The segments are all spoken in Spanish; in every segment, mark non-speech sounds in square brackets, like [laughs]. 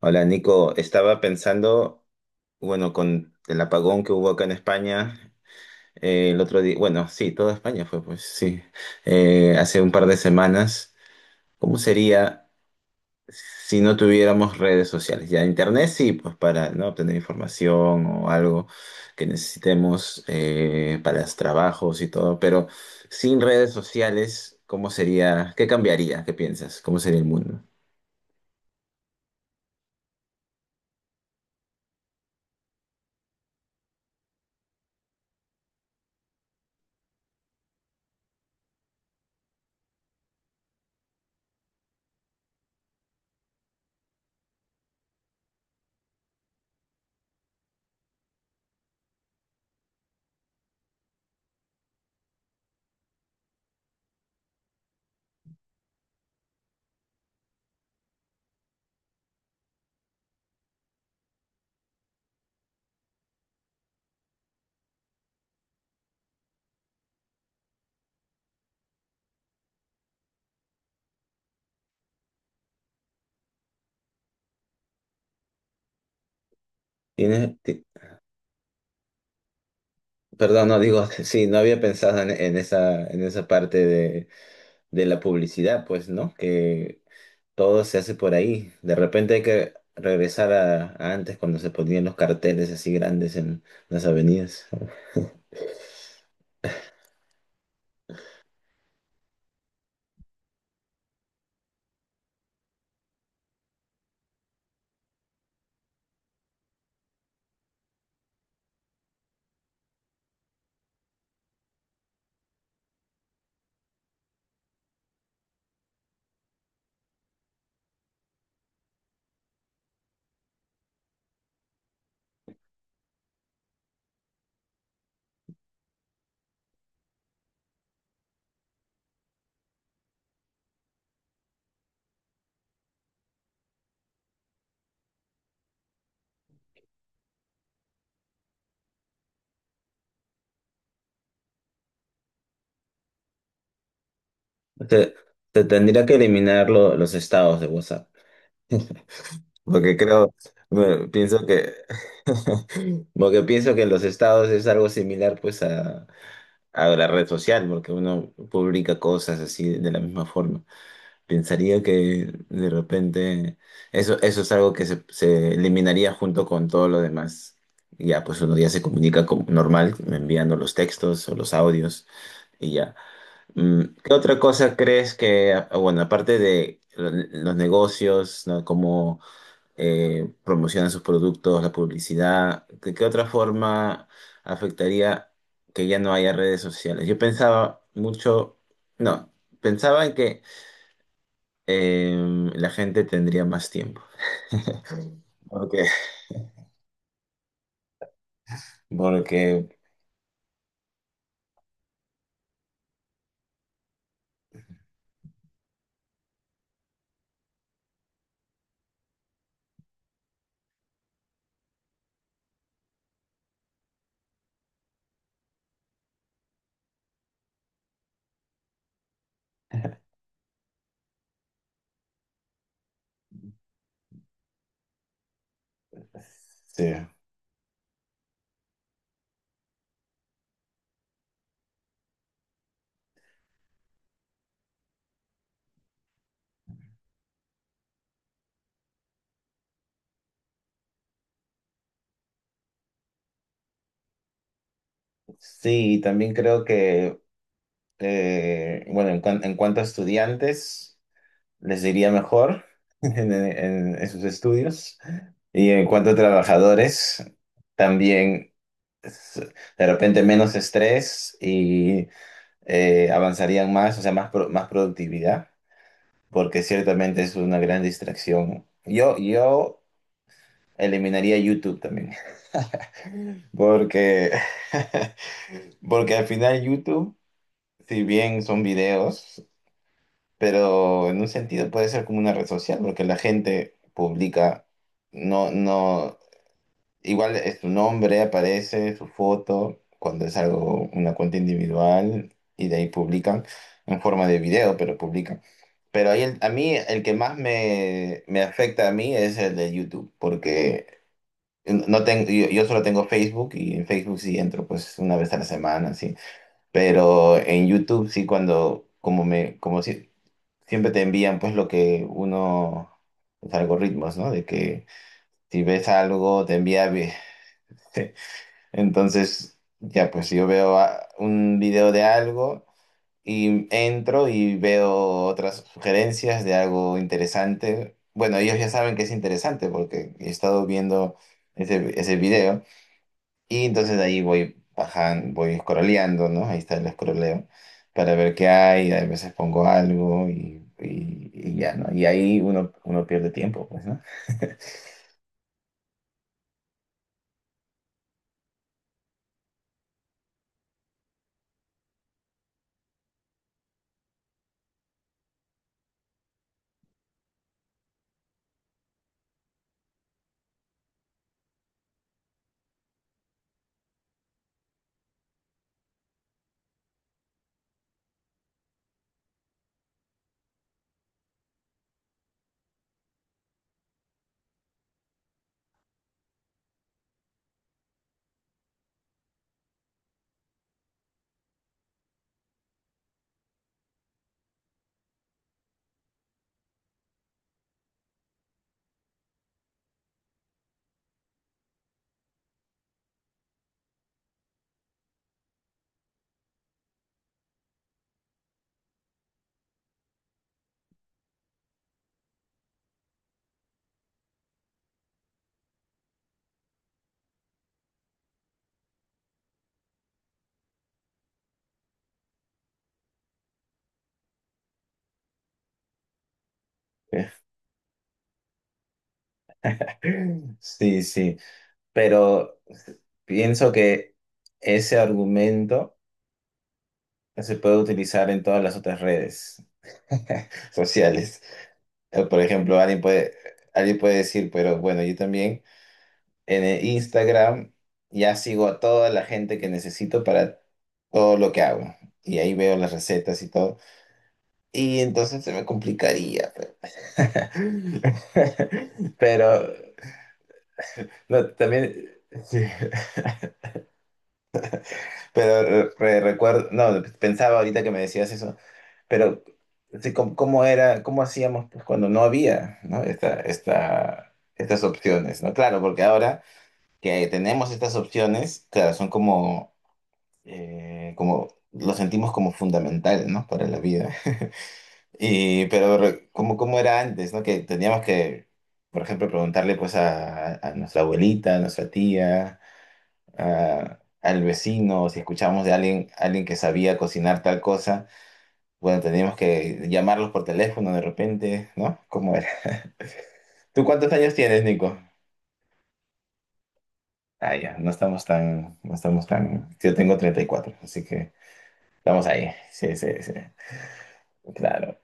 Hola Nico, estaba pensando, bueno, con el apagón que hubo acá en España el otro día, bueno, sí, toda España fue, pues sí, hace un par de semanas, ¿cómo sería si no tuviéramos redes sociales? Ya internet sí, pues para no obtener información o algo que necesitemos para los trabajos y todo, pero sin redes sociales, ¿cómo sería? ¿Qué cambiaría? ¿Qué piensas? ¿Cómo sería el mundo? ¿Tienes? Perdón, no digo, [laughs] sí, no había pensado en esa parte de la publicidad, pues, ¿no? Que todo se hace por ahí. De repente hay que regresar a antes cuando se ponían los carteles así grandes en las avenidas. Te, te tendría que eliminar los estados de WhatsApp, porque creo, pienso que, [laughs] porque pienso que los estados es algo similar, pues, a la red social, porque uno publica cosas así de la misma forma. Pensaría que de repente eso es algo que se eliminaría junto con todo lo demás. Y ya, pues uno ya se comunica como normal, enviando los textos o los audios y ya. Mm, ¿qué otra cosa crees que, ah, bueno, aparte de los negocios, ¿no? Cómo promocionan sus productos, la publicidad, ¿de qué otra forma afectaría que ya no haya redes sociales? Yo pensaba mucho, no, pensaba en que la gente tendría más tiempo. Porque, [laughs] porque sí. Sí, y también creo que, bueno, en, en cuanto a estudiantes, les iría mejor [laughs] en, en sus estudios. Y en cuanto a trabajadores, también s- de repente menos estrés y avanzarían más, o sea, más, más productividad, porque ciertamente es una gran distracción. Yo eliminaría YouTube también. Porque, [laughs] porque al final YouTube, si bien son videos, pero en un sentido puede ser como una red social, porque la gente publica, no, no, igual es su nombre, aparece su foto, cuando es algo, una cuenta individual, y de ahí publican en forma de video, pero publican. Pero ahí a mí el que más me afecta a mí es el de YouTube, porque no tengo, yo solo tengo Facebook y en Facebook sí entro pues una vez a la semana, sí. Pero en YouTube sí cuando, como me, como siempre te envían pues lo que uno, los algoritmos, ¿no? De que si ves algo te envía, [laughs] entonces ya pues yo veo un video de algo y entro y veo otras sugerencias de algo interesante. Bueno, ellos ya saben que es interesante porque he estado viendo ese video. Y entonces ahí voy bajando, voy scrolleando, ¿no? Ahí está el escroleo para ver qué hay. A veces pongo algo y ya, ¿no? Y ahí uno pierde tiempo, pues, ¿no? [laughs] Sí, sí. Pero pienso que ese argumento se puede utilizar en todas las otras redes [laughs] sociales. Por ejemplo, alguien puede decir, pero bueno, yo también en el Instagram ya sigo a toda la gente que necesito para todo lo que hago. Y ahí veo las recetas y todo. Y entonces se me complicaría. Pe. [laughs] Pero, no, también, sí. Pero recuerdo, no, pensaba ahorita que me decías eso, pero sí, ¿cómo, cómo era, cómo hacíamos pues, cuando no había, ¿no? Estas opciones, ¿no? Claro, porque ahora que tenemos estas opciones, claro, son como como lo sentimos como fundamental, ¿no? Para la vida. [laughs] Y, pero re- como, como era antes, ¿no? Que teníamos que, por ejemplo, preguntarle pues a nuestra abuelita, a nuestra tía, al vecino, o si escuchábamos de alguien, alguien que sabía cocinar tal cosa, bueno, teníamos que llamarlos por teléfono de repente, ¿no? ¿Cómo era? [laughs] ¿Tú cuántos años tienes, Nico? Ah, ya, no estamos tan, no estamos tan, yo tengo 34 así que estamos ahí, sí, sí, sí, claro.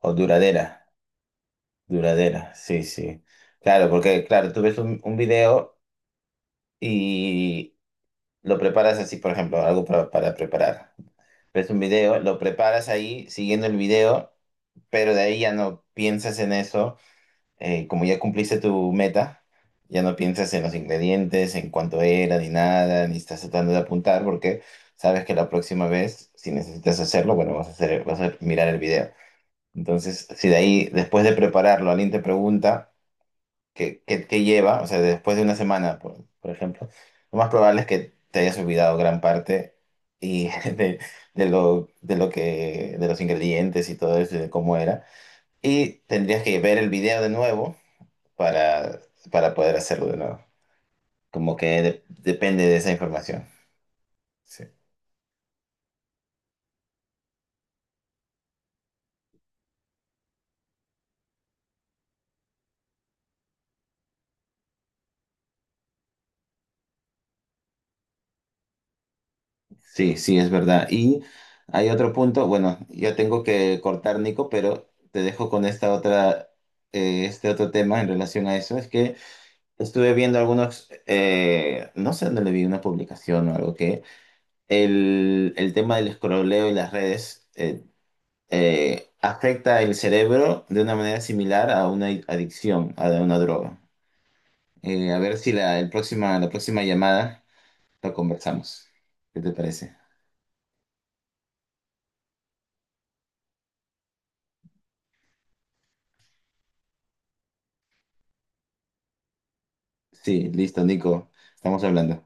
O duradera, duradera, sí, sí. Claro, porque, claro, tú ves un video y lo preparas así, por ejemplo, algo para preparar. Ves un video, lo preparas ahí siguiendo el video, pero de ahí ya no piensas en eso. Eh, como ya cumpliste tu meta, ya no piensas en los ingredientes, en cuánto era, ni nada, ni estás tratando de apuntar, porque sabes que la próxima vez, si necesitas hacerlo, bueno, vas a hacer, vas a mirar el video. Entonces, si de ahí, después de prepararlo, alguien te pregunta, que lleva, o sea, después de una semana, por ejemplo, lo más probable es que te hayas olvidado gran parte y [laughs] de, de lo que, de los ingredientes y todo eso, y de cómo era. Y tendrías que ver el video de nuevo para, para poder hacerlo de nuevo. Como que depende de esa información. Sí. Sí, sí, es verdad. Y hay otro punto, bueno, yo tengo que cortar, Nico, pero te dejo con esta otra, este otro tema en relación a eso. Es que estuve viendo algunos, no sé dónde le vi una publicación o algo que el tema del escroleo y las redes afecta el cerebro de una manera similar a una adicción, a una droga. A ver si la, el próxima, la próxima llamada lo conversamos. ¿Qué te parece? Sí, listo, Nico, estamos hablando.